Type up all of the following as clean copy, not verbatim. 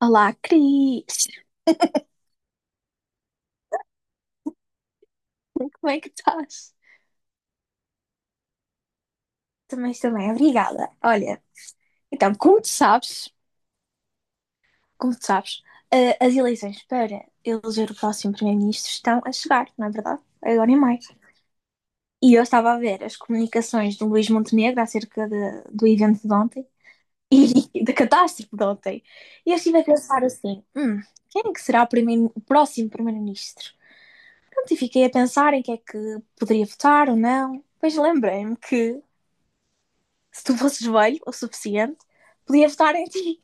Olá, Cris! Como é que estás? Também estou bem, obrigada. Olha, então, como tu sabes, como tu sabes, as eleições para eleger o próximo primeiro-ministro estão a chegar, não é verdade? Agora em maio. E eu estava a ver as comunicações do Luís Montenegro acerca do evento de ontem e da catástrofe de ontem. E eu estive a pensar assim, quem é que será o próximo primeiro-ministro? Pronto, e fiquei a pensar em quem é que poderia votar ou não. Depois lembrei-me que se tu fosses velho o suficiente, podia votar em ti.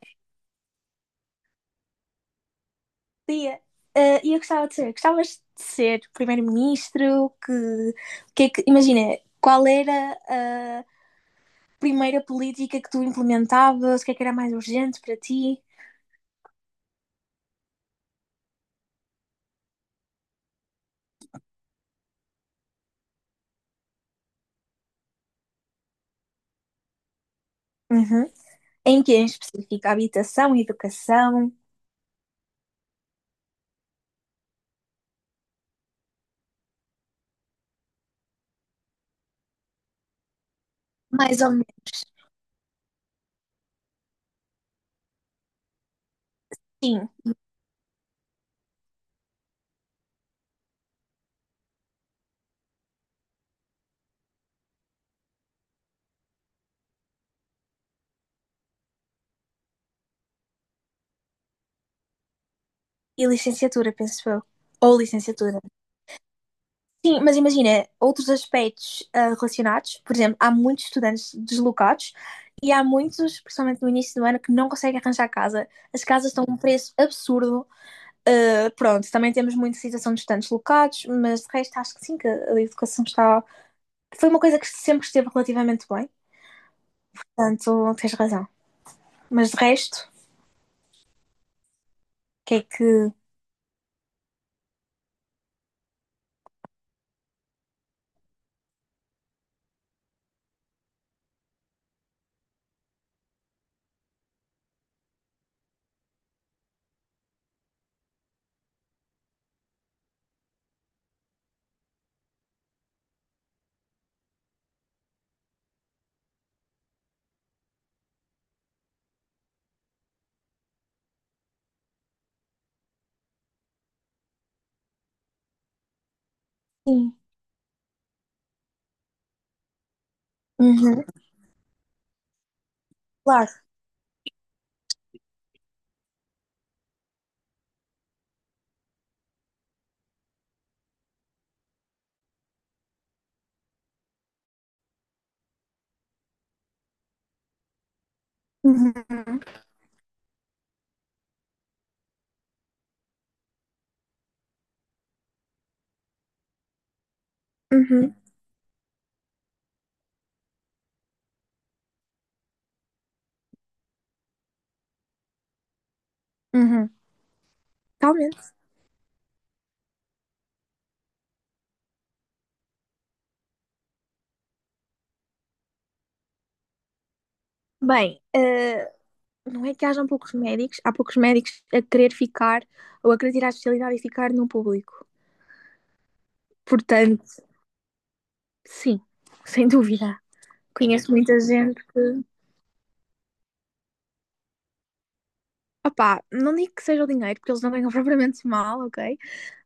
Podia. Ah, e eu gostavas de ser primeiro-ministro, imagina, qual era a primeira política que tu implementavas, o que é que era mais urgente para ti? Uhum. Em que em específico? Habitação, educação. Mais ou menos. Sim. E licenciatura, penso eu. Ou licenciatura. Sim, mas imagina, outros aspectos relacionados, por exemplo, há muitos estudantes deslocados e há muitos, principalmente no início do ano, que não conseguem arranjar casa. As casas estão a um preço absurdo. Ah, pronto, também temos muita situação de estudantes deslocados, mas de resto acho que sim, que a educação está. Foi uma coisa que sempre esteve relativamente bem, portanto tens razão. Mas de resto, o que é que. Sim. Uhum, claro. Uhum, uhum, uhum. Totalmente. Bem, não é que hajam poucos médicos, há poucos médicos a querer ficar ou a querer tirar a especialidade e ficar no público. Portanto, sim, sem dúvida. Conheço muita gente que. Opá, não digo que seja o dinheiro, porque eles não ganham propriamente mal, ok?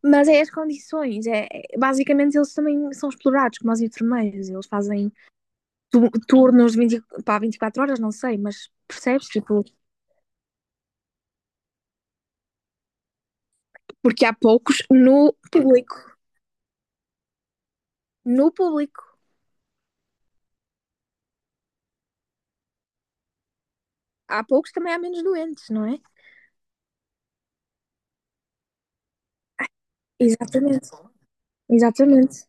Mas é as condições. Basicamente, eles também são explorados, como os enfermeiros. Eles fazem turnos de 20, pá, 24 horas, não sei, mas percebes? Tipo, porque há poucos no público. No público. Há poucos, também há menos doentes, não é? Exatamente, exatamente.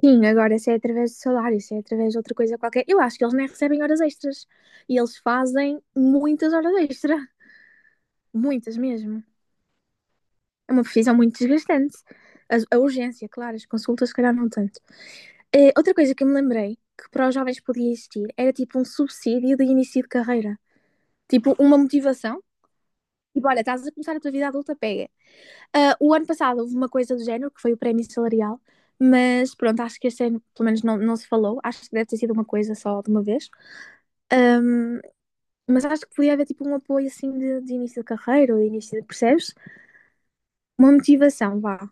Sim, agora se é através de salário, se é através de outra coisa qualquer, eu acho que eles nem recebem horas extras. E eles fazem muitas horas extra, muitas mesmo. É uma profissão muito desgastante. A urgência, claro, as consultas, se calhar, não tanto. Outra coisa que eu me lembrei que para os jovens podia existir era tipo um subsídio de início de carreira, tipo uma motivação. Tipo, olha, estás a começar a tua vida adulta, pega. Ah, o ano passado houve uma coisa do género, que foi o prémio salarial, mas pronto, acho que este ano, pelo menos, não, não se falou. Acho que deve ter sido uma coisa só de uma vez. Mas acho que podia haver tipo um apoio assim de início de carreira ou de início de, percebes? Uma motivação, vá,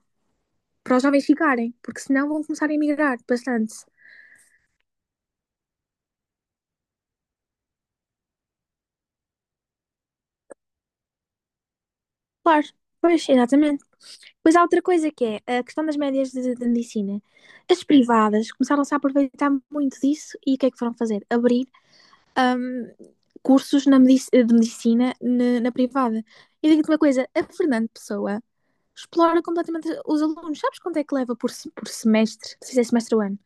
para os jovens ficarem, porque senão vão começar a emigrar bastante. Claro, pois, exatamente. Pois há outra coisa que é a questão das médias de medicina. As privadas começaram-se a aproveitar muito disso e o que é que foram fazer? Abrir ahm, cursos de medicina na privada. E digo-te uma coisa, a Fernando Pessoa explora completamente os alunos. Sabes quanto é que leva por, por semestre? Se fizer semestre ou ano?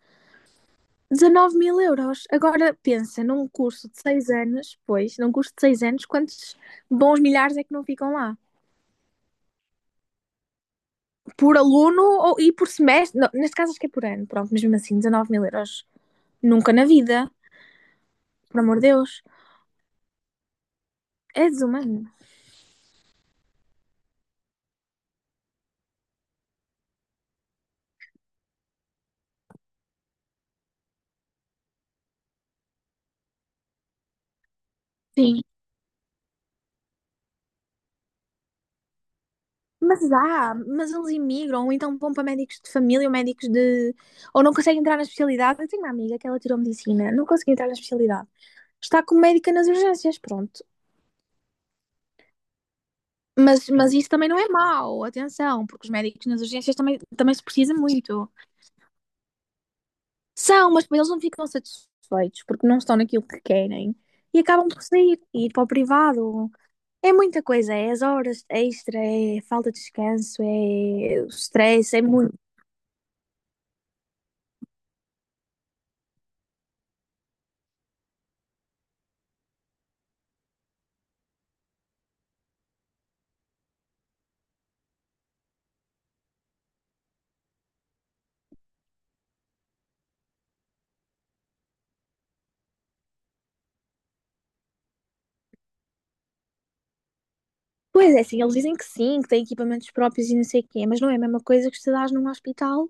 19 mil euros. Agora pensa, num curso de 6 anos, pois, num curso de 6 anos, quantos bons milhares é que não ficam lá? Por aluno ou, e por semestre? Não, neste caso acho que é por ano, pronto, mas mesmo assim, 19 mil euros. Nunca na vida, por amor de Deus. É desumano. Sim. Mas há, mas eles imigram, ou então vão para médicos de família ou médicos de. Ou não conseguem entrar na especialidade. Eu tenho uma amiga que ela tirou medicina, não conseguiu entrar na especialidade. Está como médica nas urgências, pronto. Mas isso também não é mau, atenção, porque os médicos nas urgências também, também se precisa muito. São, mas depois eles não ficam satisfeitos porque não estão naquilo que querem e acabam por sair e ir para o privado. É muita coisa, é as horas extra, é falta de descanso, é o stress, é muito. Pois é, sim, eles dizem que sim, que têm equipamentos próprios e não sei o quê, mas não é a mesma coisa que estudares num hospital.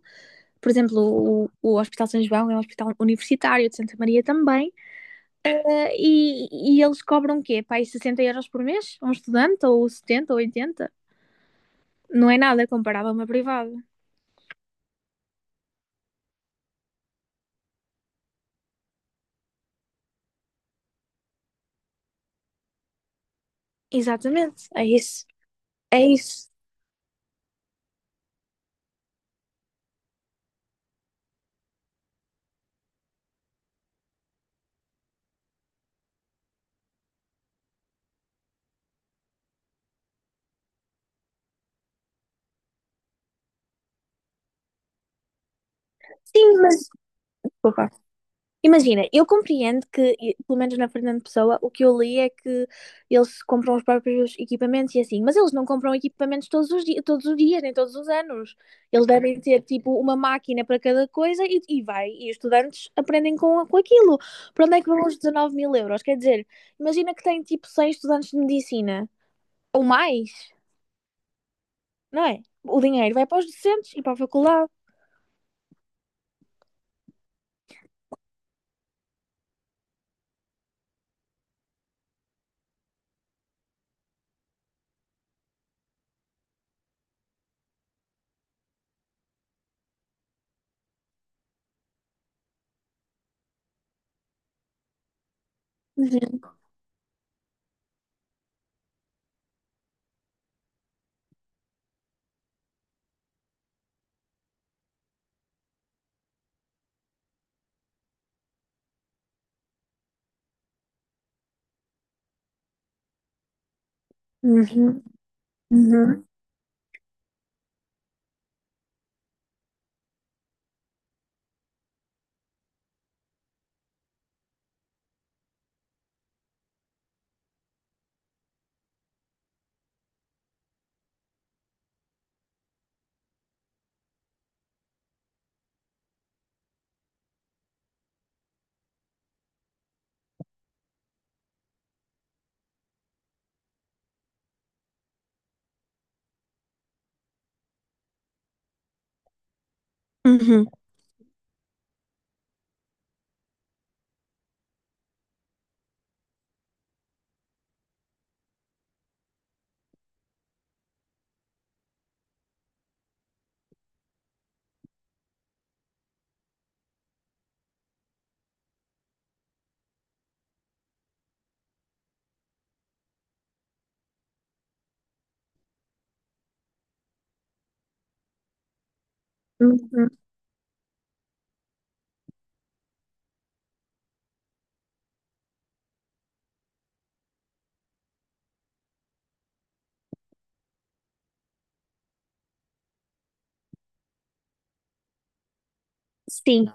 Por exemplo, o Hospital São João é um hospital universitário de Santa Maria também, e eles cobram o quê? Para aí 60 € por mês? Um estudante, ou 70, ou 80? Não é nada comparado a uma privada. Exatamente, é isso. É isso. Sim, mas. Desculpa. Imagina, eu compreendo que, pelo menos na Fernando Pessoa, o que eu li é que eles compram os próprios equipamentos e assim, mas eles não compram equipamentos todos os dias, nem todos os anos. Eles devem ter tipo uma máquina para cada coisa e os estudantes aprendem com aquilo. Para onde é que vão os 19 mil euros? Quer dizer, imagina que tem tipo 100 estudantes de medicina ou mais, não é? O dinheiro vai para os docentes e para a faculdade. Uhum, uhum, uhum, uhum, uhum. Sim,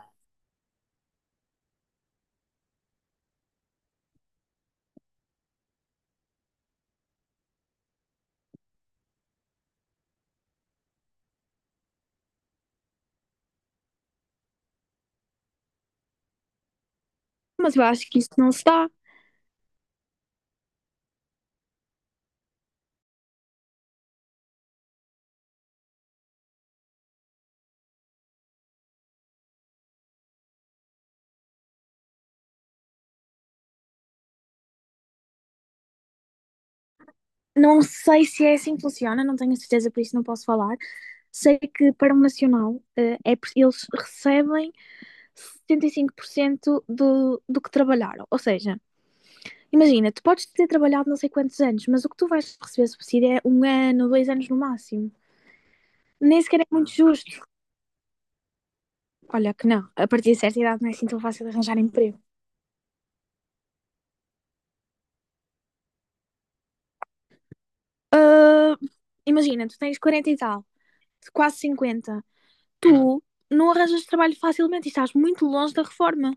mas eu acho que isso não se dá. Não sei se é assim que funciona, não tenho certeza, por isso não posso falar. Sei que para o Nacional, eles recebem 75% do que trabalharam. Ou seja, imagina, tu podes ter trabalhado não sei quantos anos, mas o que tu vais receber subsídio é um ano, dois anos no máximo. Nem sequer é muito justo. Olha que não, a partir de certa idade não é assim tão fácil de arranjar emprego. Ah, imagina, tu tens 40 e tal, quase 50. Tu não arranjas trabalho facilmente e estás muito longe da reforma.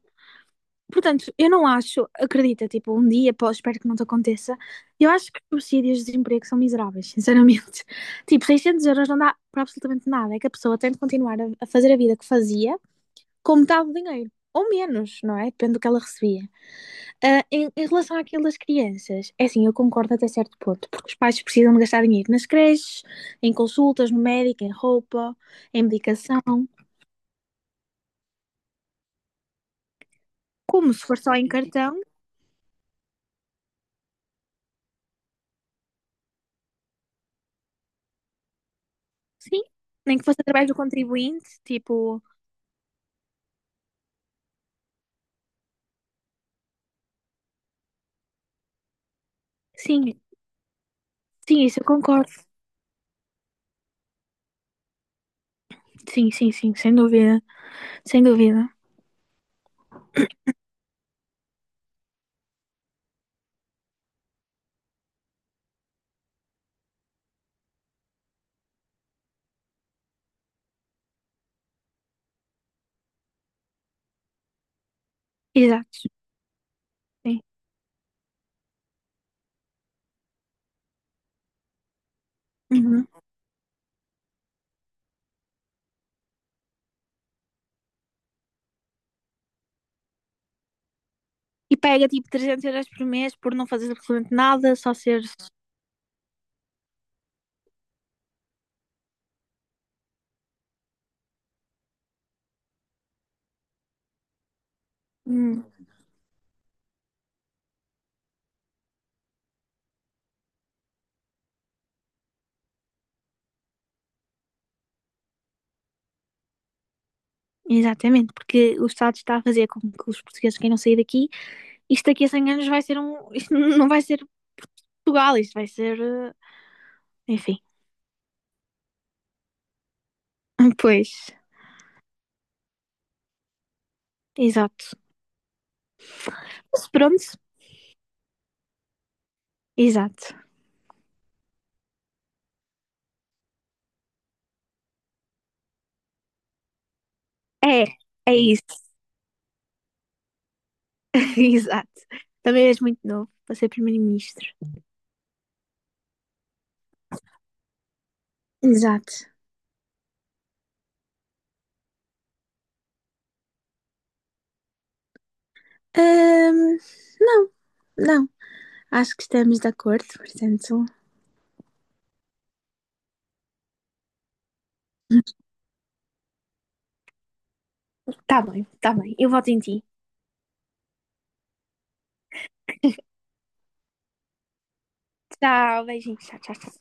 Portanto, eu não acho, acredita, tipo, um dia, pô, espero que não te aconteça, eu acho que os subsídios de desemprego são miseráveis, sinceramente. Tipo, 600 € não dá para absolutamente nada, é que a pessoa tem de continuar a fazer a vida que fazia com metade do dinheiro, ou menos, não é? Depende do que ela recebia. Ah, em relação àquilo das crianças, é assim, eu concordo até certo ponto, porque os pais precisam de gastar dinheiro nas creches, em consultas, no médico, em roupa, em medicação, como se for só em cartão. Sim, nem que fosse através do contribuinte, tipo, sim, sim, isso eu concordo. Sim, sim, sim, sem dúvida, sem dúvida. Exato, sim. Uhum. E pega tipo 300 € por mês por não fazer absolutamente nada, só ser. Hum, exatamente, porque o Estado está a fazer com que os portugueses queiram sair daqui. Isto daqui a 100 anos vai ser um. Isto não vai ser Portugal, isto vai ser. Enfim. Pois, exato. Mas pronto, exato. É, é isso. Exato. Também és muito novo para ser primeiro-ministro. Exato. Ahm, não, não. Acho que estamos de acordo, portanto. Tá bem, tá bem. Eu voto em ti. Tchau, beijinhos. Tchau, tchau, tchau.